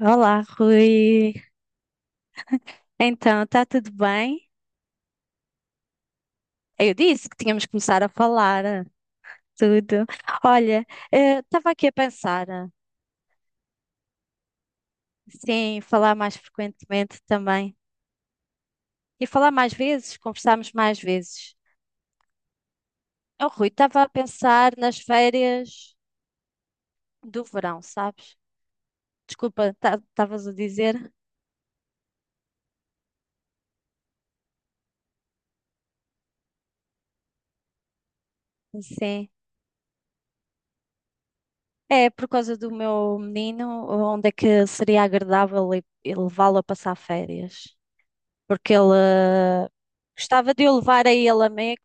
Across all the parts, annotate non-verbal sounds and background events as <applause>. Olá, Rui. Então, está tudo bem? Eu disse que tínhamos que começar a falar tudo. Olha, estava aqui a pensar, sim, falar mais frequentemente também. E falar mais vezes, conversarmos mais vezes. Oh, Rui, estava a pensar nas férias do verão, sabes? Desculpa, estavas a dizer? Sim. É por causa do meu menino, onde é que seria agradável levá-lo a passar férias? Porque ele eh, gostava de eu levar a ele a meio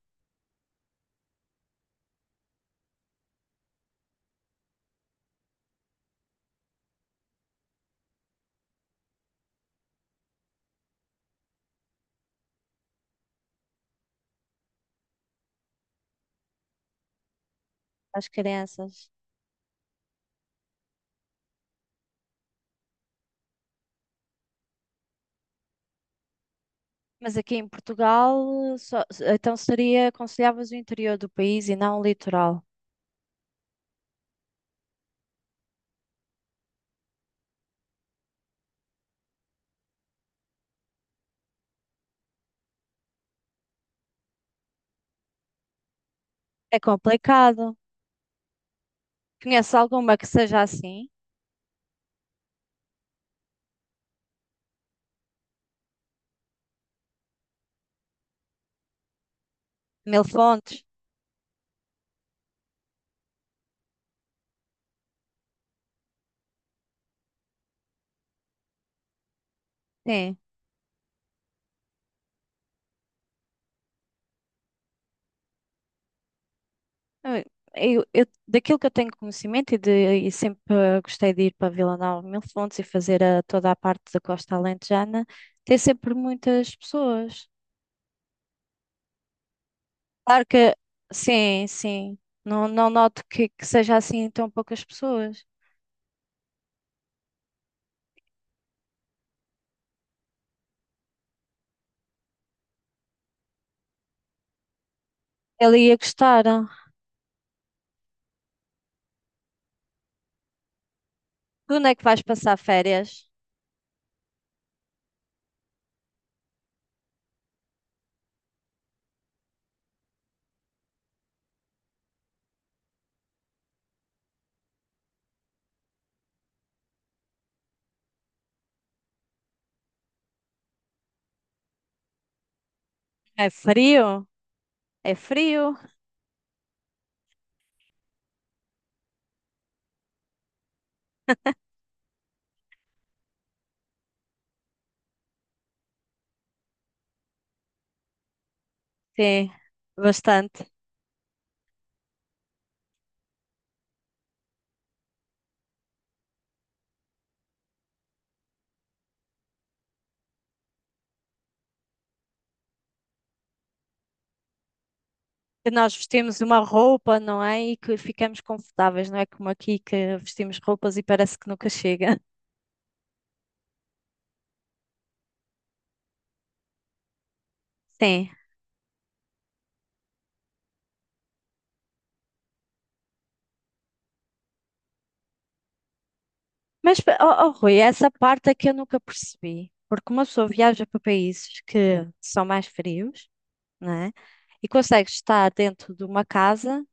às crianças. Mas aqui em Portugal, então seria, aconselhavas o interior do país e não o litoral. É complicado. Conhece alguma que seja assim? Mil fontes? Sim. Eu, eu daquilo que eu tenho conhecimento e, e sempre gostei de ir para Vila Nova de Mil Fontes e fazer toda a parte da Costa Alentejana, tem sempre muitas pessoas. Claro que sim, sim. Não, não noto que seja assim tão poucas pessoas. Ele ia gostar. Tu onde é que vais passar férias? É frio? É frio? Sim, bastante. E nós vestimos uma roupa, não é? E que ficamos confortáveis, não é como aqui que vestimos roupas e parece que nunca chega. <laughs> Sim. Mas, oh, Rui, essa parte é que eu nunca percebi. Porque uma pessoa viaja para países que são mais frios, não é? E consegue estar dentro de uma casa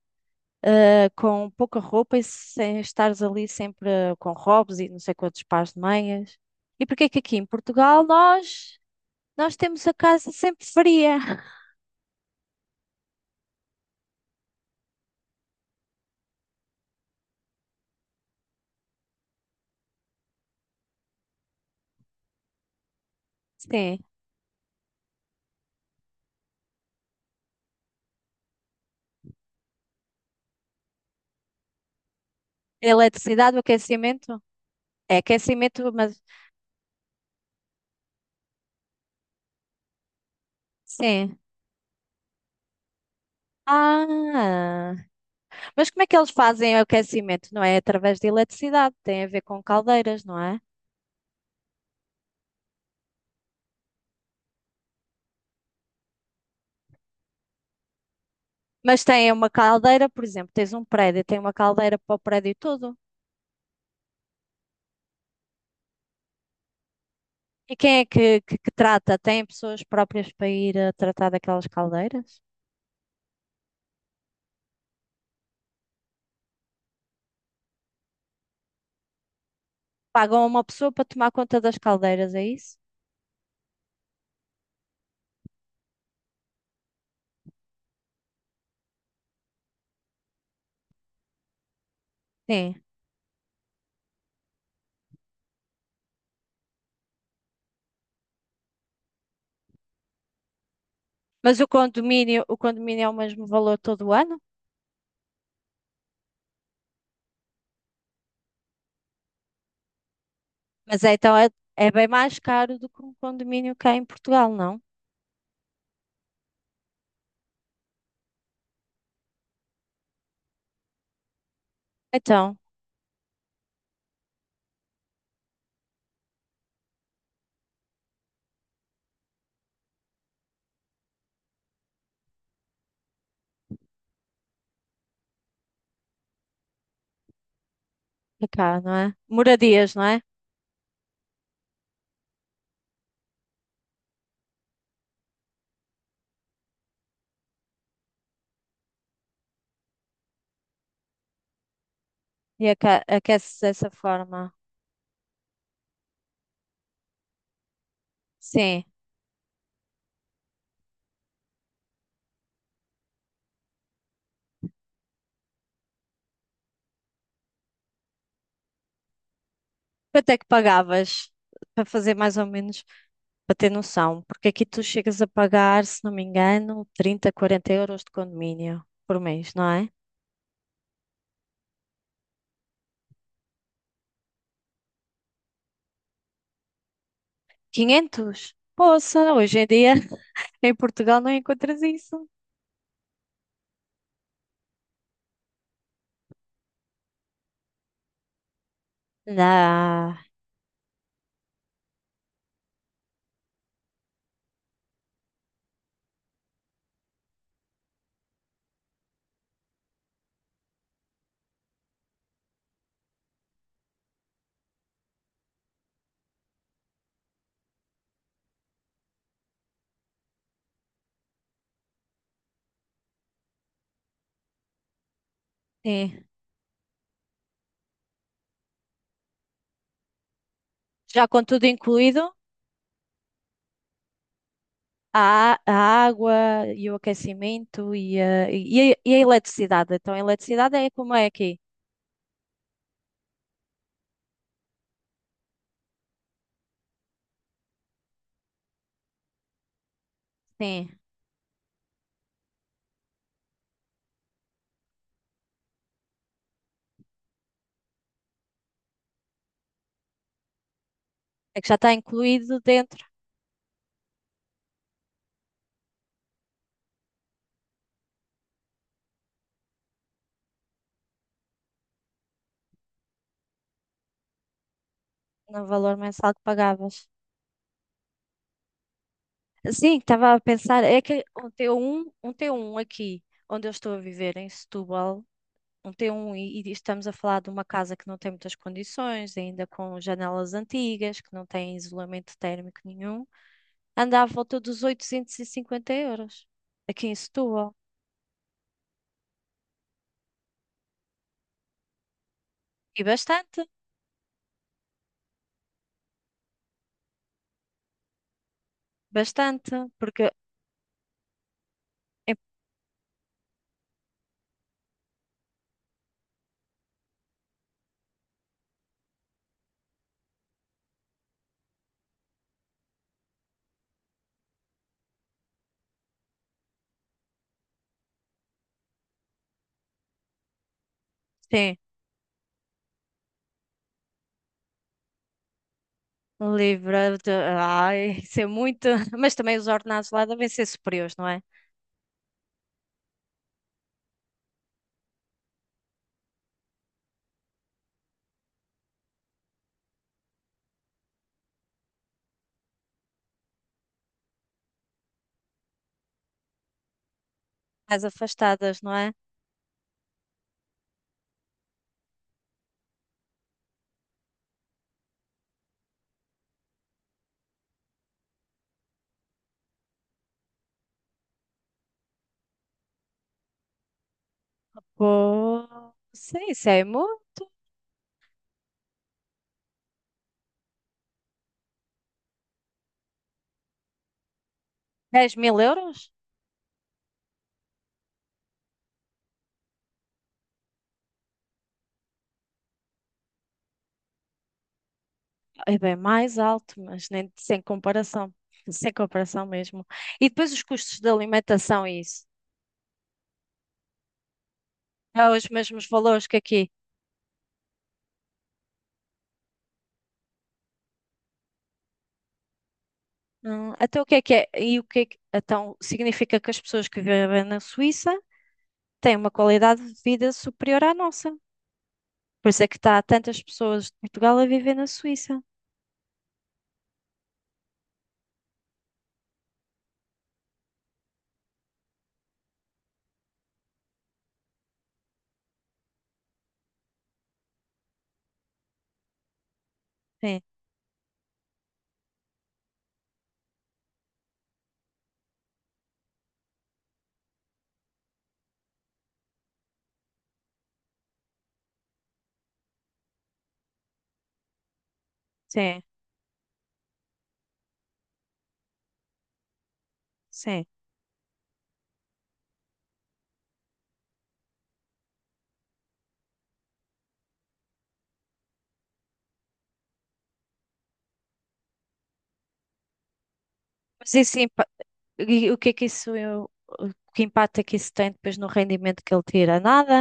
com pouca roupa e sem estares ali sempre com robes e não sei quantos pares de meias. E porque é que aqui em Portugal nós temos a casa sempre fria? Sim. Eletricidade, o aquecimento? É aquecimento, mas sim. Ah, mas como é que eles fazem o aquecimento? Não é através de eletricidade, tem a ver com caldeiras, não é? Mas tem uma caldeira, por exemplo, tens um prédio, tem uma caldeira para o prédio todo. E quem é que, que trata? Tem pessoas próprias para ir a tratar daquelas caldeiras? Pagam uma pessoa para tomar conta das caldeiras, é isso? Sim. Mas o condomínio é o mesmo valor todo o ano? Mas é, então é bem mais caro do que um condomínio cá em Portugal, não? Então, é cá, não é? Moradias, não é? E aquece-se dessa forma. Sim. Quanto é que pagavas para fazer mais ou menos? Para ter noção, porque aqui tu chegas a pagar, se não me engano, 30, 40 euros de condomínio por mês, não é? 500? Poça, hoje em dia <laughs> em Portugal não encontras isso. Não, sim. Já com tudo incluído, a água e o aquecimento e a eletricidade. Então, a eletricidade é como é aqui. Sim, é que já está incluído dentro no valor mensal que pagavas. Sim, estava a pensar, é que um T1 aqui, onde eu estou a viver, em Setúbal, um T1, e estamos a falar de uma casa que não tem muitas condições, ainda com janelas antigas, que não tem isolamento térmico nenhum, anda à volta dos 850 euros, aqui em Setúbal. E bastante, bastante, porque, é- sim, livre de, ai, <laughs> isso é muito, <laughs> mas também os ordenados lá devem ser superiores, não é? Mais afastadas, não é? Pô, sim, isso é 10.000 euros? É bem mais alto, mas nem sem comparação. Sem comparação mesmo. E depois os custos de alimentação e isso? É os mesmos valores que aqui. Então o que é que é? E o que é que- então significa que as pessoas que vivem na Suíça têm uma qualidade de vida superior à nossa. Por isso é que está tantas pessoas de Portugal a viver na Suíça. Sim, sim, sim. Mas isso, e o que impacto é que isso tem depois no rendimento que ele tira? Nada?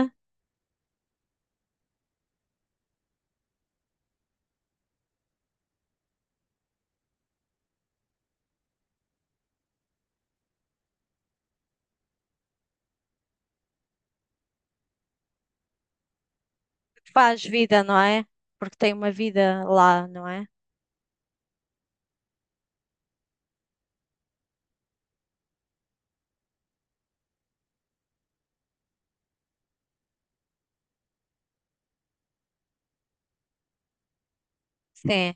Faz vida, não é? Porque tem uma vida lá, não é? Sim.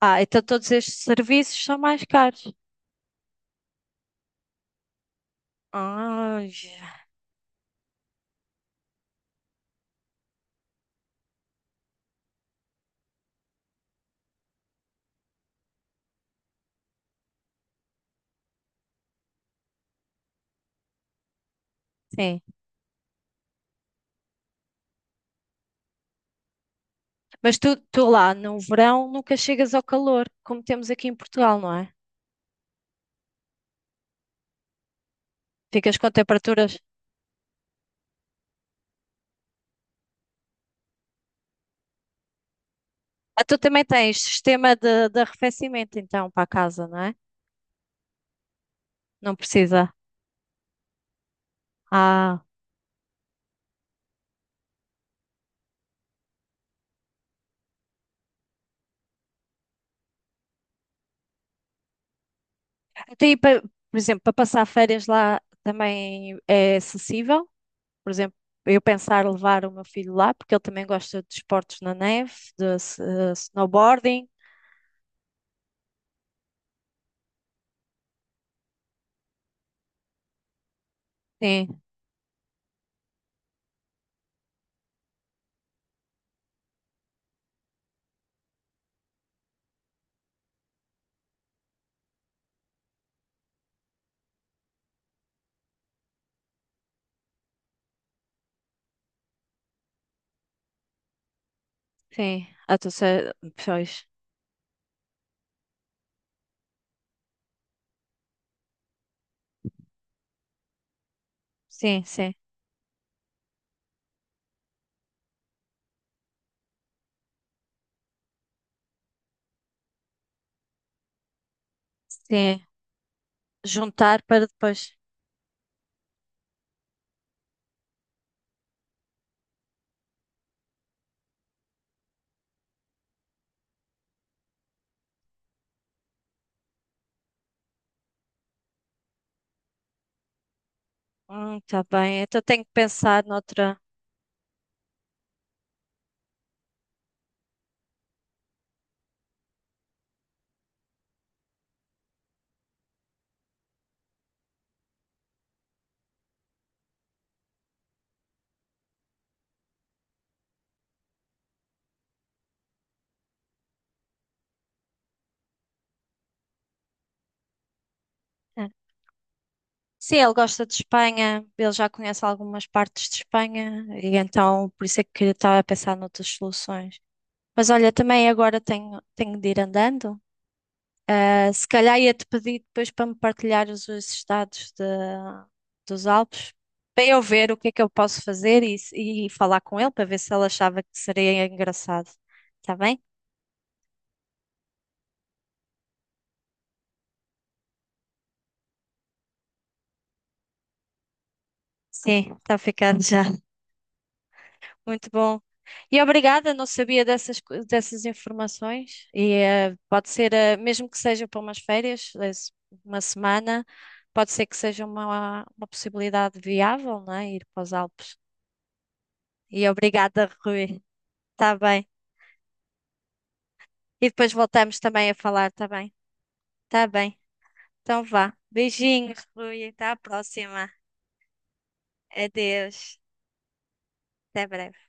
Ah, então todos estes serviços são mais caros. Ah, sim. Mas tu lá no verão nunca chegas ao calor, como temos aqui em Portugal, não é? Ficas com temperaturas. Ah, tu também tens sistema de arrefecimento, então, para a casa, não é? Não precisa. Ah, até aí, por exemplo, para passar férias lá também é acessível? Por exemplo, eu pensar levar o meu filho lá, porque ele também gosta de esportes na neve, de snowboarding. Sim, sim. Ah, tu sei, pois. Sim, sim, sim. Juntar para depois. Tá bem. Então tenho que pensar noutra. É. Sim, ele gosta de Espanha, ele já conhece algumas partes de Espanha, e então por isso é que eu estava a pensar noutras soluções. Mas olha, também agora tenho de ir andando. Ah, se calhar ia-te pedir depois para me partilhares os estados dos Alpes, para eu ver o que é que eu posso fazer e, e falar com ele para ver se ele achava que seria engraçado. Está bem? Sim, está ficando já. Muito bom. E obrigada, não sabia dessas, dessas informações. E pode ser, mesmo que seja para umas férias, uma semana, pode ser que seja uma possibilidade viável, não é? Ir para os Alpes. E obrigada, Rui. Está bem. E depois voltamos também a falar, tá bem? Tá bem. Então vá. Beijinhos, Rui. Até à próxima. Adeus. Até breve.